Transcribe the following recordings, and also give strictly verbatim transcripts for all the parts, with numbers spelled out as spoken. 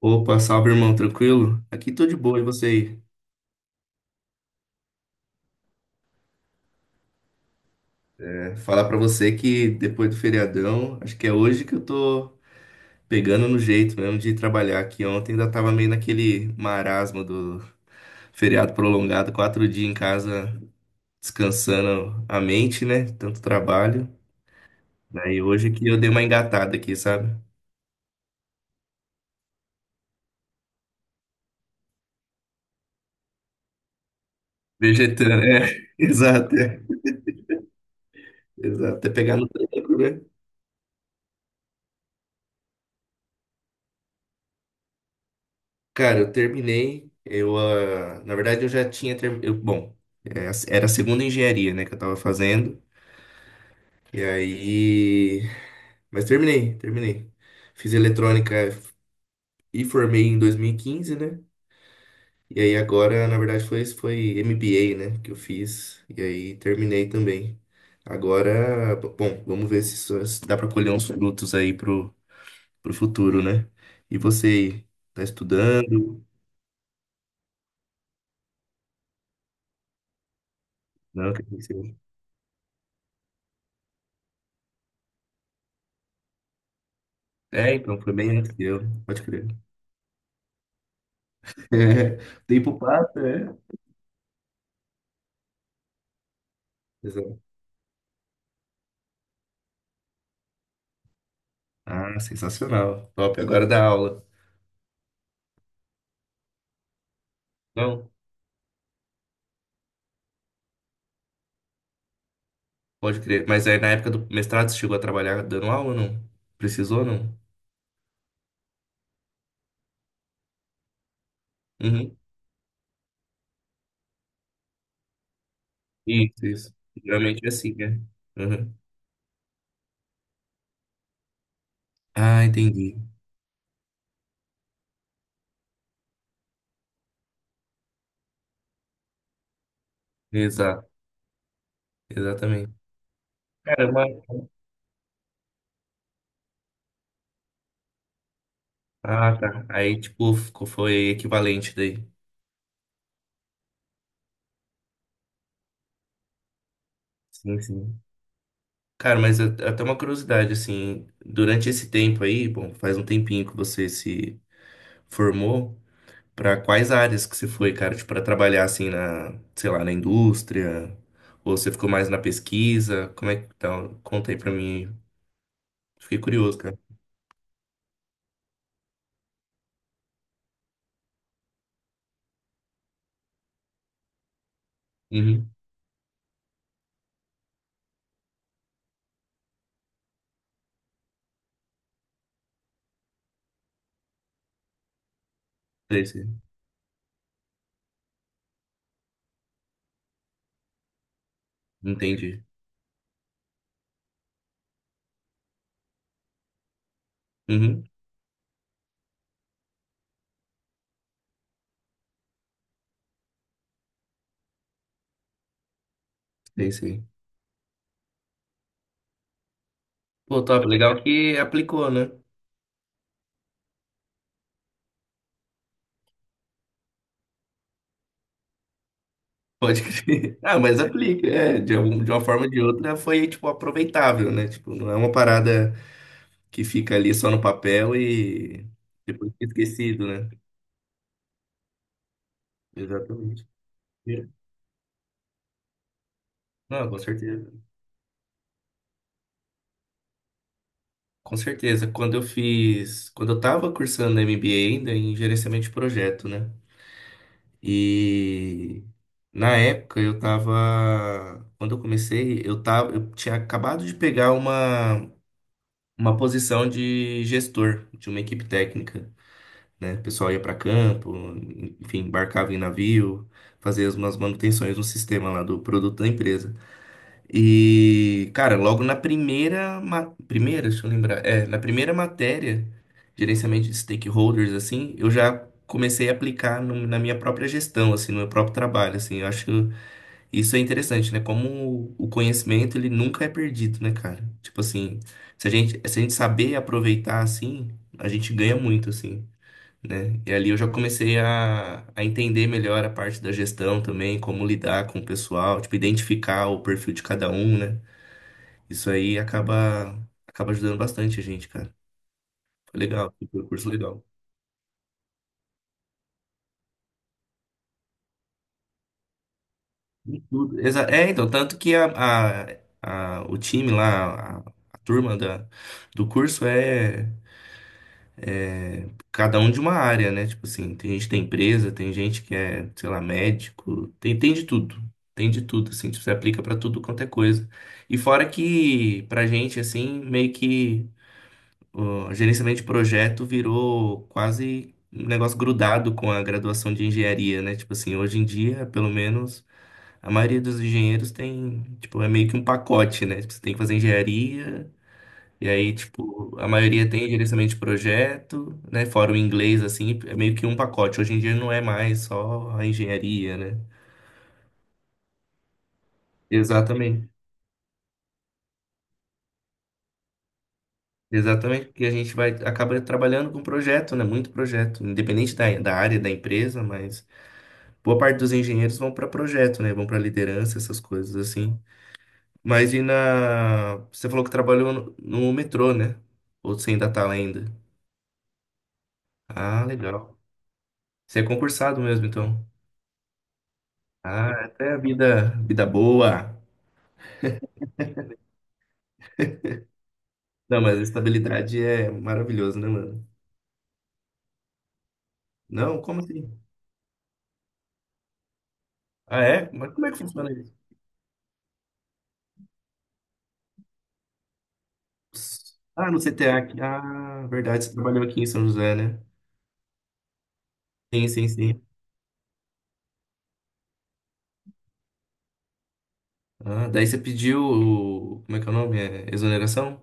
Opa, salve irmão, tranquilo? Aqui tô de boa, e você aí? É, falar pra você que depois do feriadão, acho que é hoje que eu tô pegando no jeito mesmo de trabalhar aqui. Ontem ainda tava meio naquele marasmo do feriado prolongado, quatro dias em casa descansando a mente, né? Tanto trabalho. Daí hoje que eu dei uma engatada aqui, sabe? Vegetando, é, exato, é, exato, é pegar no tranco, né? Cara, eu terminei. Eu, ah, na verdade, eu já tinha terminado. Bom, é, era a segunda engenharia, né, que eu tava fazendo. E aí. Mas terminei, terminei. Fiz eletrônica e formei em dois mil e quinze, né? E aí agora, na verdade, foi, foi M B A, né, que eu fiz. E aí terminei também. Agora, b- bom, vamos ver se, isso- se dá pra colher uns frutos aí pro, pro futuro, né? E você aí, tá estudando? Não, o que que você É, então, foi bem antes de eu, pode crer. É, o tempo passa, é? Exato. Ah, sensacional. Top, agora dá aula. Não, pode crer. Mas aí na época do mestrado você chegou a trabalhar dando aula ou não? Precisou ou não? Uhum. Isso, isso. Geralmente é assim, né? Uhum. Ah, entendi. Exato, exatamente. Caramba. Ah, tá. Aí, tipo, ficou- foi equivalente daí. Sim, sim. Cara, mas a- até uma curiosidade, assim, durante esse tempo aí, bom, faz um tempinho que você se formou? Pra quais áreas que você foi, cara? Tipo, pra trabalhar assim na, sei lá, na indústria? Ou você ficou mais na pesquisa? Como é que tá? Conta aí pra mim. Fiquei curioso, cara. Uhum. Sei, sei. Entendi. Uhum. Sei, sei. Pô, top. Legal que aplicou, né? Pode crer. Ah, mas aplica, é. De, algum- de uma forma ou de outra foi, tipo, aproveitável, né? Tipo, não é uma parada que fica ali só no papel e depois fica esquecido, né? Exatamente. Não, com certeza. Com certeza, quando eu fiz, quando eu estava cursando M B A ainda em gerenciamento de projeto, né? E na época eu tava, quando eu comecei, eu tava, eu tinha acabado de pegar uma uma posição de gestor de uma equipe técnica, né? O pessoal ia para campo, enfim, embarcava em navio, fazia umas manutenções no sistema lá do produto da empresa. E, cara, logo na primeira, ma- primeira, deixa eu lembrar, é, na primeira matéria, gerenciamento de stakeholders, assim, eu já comecei a aplicar no- na minha própria gestão, assim, no meu próprio trabalho, assim, eu acho que isso é interessante, né? Como o conhecimento, ele nunca é perdido, né, cara? Tipo assim, se a gente, se a gente saber aproveitar, assim, a gente ganha muito, assim, né? E ali eu já comecei a, a entender melhor a parte da gestão também, como lidar com o pessoal, tipo, identificar o perfil de cada um, né? Isso aí acaba, acaba ajudando bastante a gente, cara. Foi legal, foi um curso legal. De tudo. Exa- É, então, tanto que a, a, a- o time lá, a, a turma da, do curso é cada um de uma área, né? Tipo assim, tem gente que tem empresa, tem gente que é, sei lá, médico, tem, tem de tudo. Tem de tudo, assim, tipo, você aplica pra tudo quanto é coisa. E fora que, pra gente, assim, meio que. O gerenciamento de projeto virou quase um negócio grudado com a graduação de engenharia, né? Tipo assim, hoje em dia, pelo menos, a maioria dos engenheiros tem, tipo, é meio que um pacote, né? Tipo, você tem que fazer engenharia, e aí, tipo, a maioria tem gerenciamento de projeto, né? Fora o inglês, assim, é meio que um pacote. Hoje em dia não é mais só a engenharia, né? Exatamente. Exatamente, porque a gente vai acaba trabalhando com projeto, né? Muito projeto, independente da, da área da empresa, mas boa parte dos engenheiros vão para projeto, né? Vão para liderança, essas coisas assim. Mas e na. Você falou que trabalhou no, no metrô, né? Ou você ainda tá lá ainda? Ah, legal. Você é concursado mesmo, então. Ah, até a vida, vida boa. Não, mas a estabilidade é maravilhoso, né, mano? Não, como assim? Ah, é? Mas como é que funciona isso? Ah, no C T A aqui. Ah, verdade, você trabalhou aqui em São José, né? Sim, sim, sim. Ah, daí você pediu. o- Como é que é o nome? É exoneração?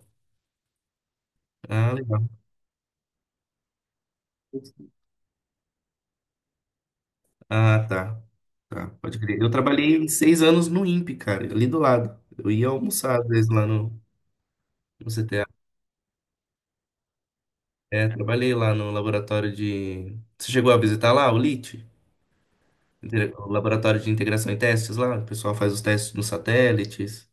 Ah, legal. Ah, tá. Tá, pode crer. Eu trabalhei seis anos no INPE, cara, ali do lado. Eu ia almoçar às vezes lá no, no C T A. É, trabalhei lá no laboratório de. Você chegou a visitar lá o L I T? Inte- O laboratório de integração e testes lá? O pessoal faz os testes nos satélites.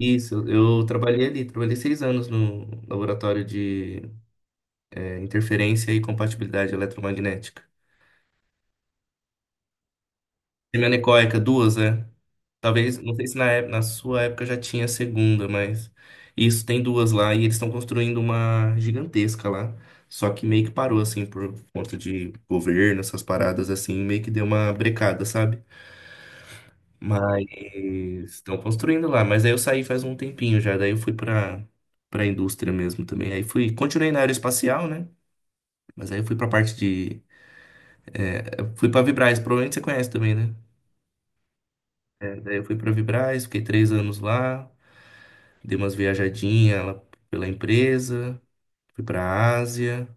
Isso, eu trabalhei ali, trabalhei seis anos no laboratório de é, interferência e compatibilidade eletromagnética. Semianecóica, duas, né? Talvez, não sei se na, ép- na sua época já tinha a segunda, mas isso tem duas lá e eles estão construindo uma gigantesca lá. Só que meio que parou, assim, por conta de governo, essas paradas assim, meio que deu uma brecada, sabe? Mas estão construindo lá. Mas aí eu saí faz um tempinho já, daí eu fui pra, pra indústria mesmo também. Aí fui, continuei na aeroespacial, né? Mas aí eu fui pra parte de. É, eu fui pra Vibraz, provavelmente você conhece também, né? É, daí eu fui pra Vibraz, fiquei três anos lá. Dei umas viajadinhas lá pela empresa, fui pra Ásia.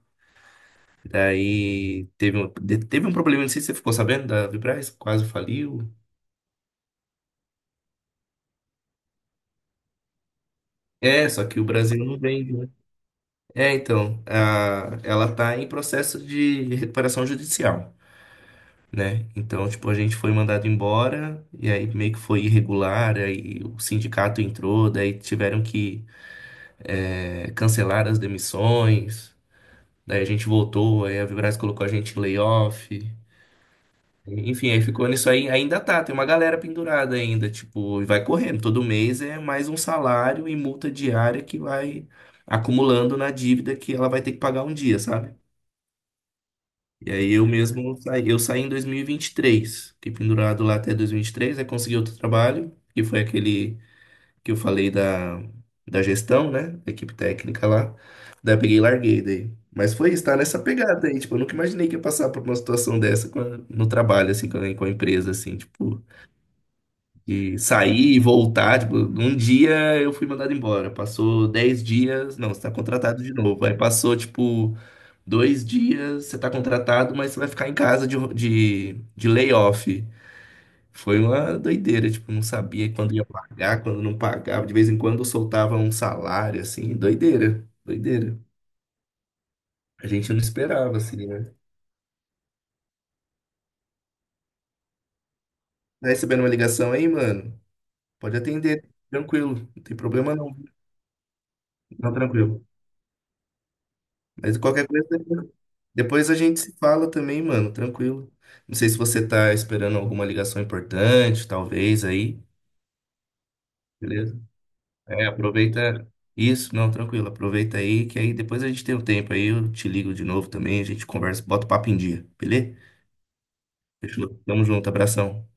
Daí teve um, de- teve um problema, não sei se você ficou sabendo, da Vibraz, quase faliu. É, só que o Brasil não vende, né? É, então, a, ela tá em processo de recuperação judicial, né? Então, tipo, a gente foi mandado embora, e aí meio que foi irregular, aí o sindicato entrou, daí tiveram que é, cancelar as demissões, daí a gente voltou, aí a Vibraz colocou a gente em layoff. Enfim, aí ficou nisso aí, ainda tá, tem uma galera pendurada ainda, tipo, e vai correndo, todo mês é mais um salário e multa diária que vai acumulando na dívida que ela vai ter que pagar um dia, sabe? E aí eu mesmo saí, eu saí em dois mil e vinte e três, fiquei pendurado lá até dois mil e vinte e três, aí consegui outro trabalho, que foi aquele que eu falei da, da gestão, né, da equipe técnica lá, daí eu peguei e larguei daí. Mas foi isso, tá nessa pegada aí, tipo, eu nunca imaginei que ia passar por uma situação dessa com a- no trabalho, assim, com a, com a empresa, assim, tipo... E sair e voltar, tipo, um dia eu fui mandado embora. Passou dez dias, não, você tá contratado de novo. Aí passou, tipo, dois dias, você tá contratado, mas você vai ficar em casa de, de, de layoff. Foi uma doideira, tipo, não sabia quando ia pagar, quando não pagava. De vez em quando soltava um salário, assim, doideira, doideira. A gente não esperava, assim, né? Tá recebendo uma ligação aí, mano? Pode atender, tranquilo, não tem problema não. Não, tranquilo. Mas qualquer coisa, depois a gente se fala também, mano, tranquilo. Não sei se você tá esperando alguma ligação importante, talvez aí, beleza? É, aproveita isso, não, tranquilo, aproveita aí, que aí depois a gente tem um tempo aí, eu te ligo de novo também, a gente conversa, bota o papo em dia, beleza? Fechou? Tamo junto, abração.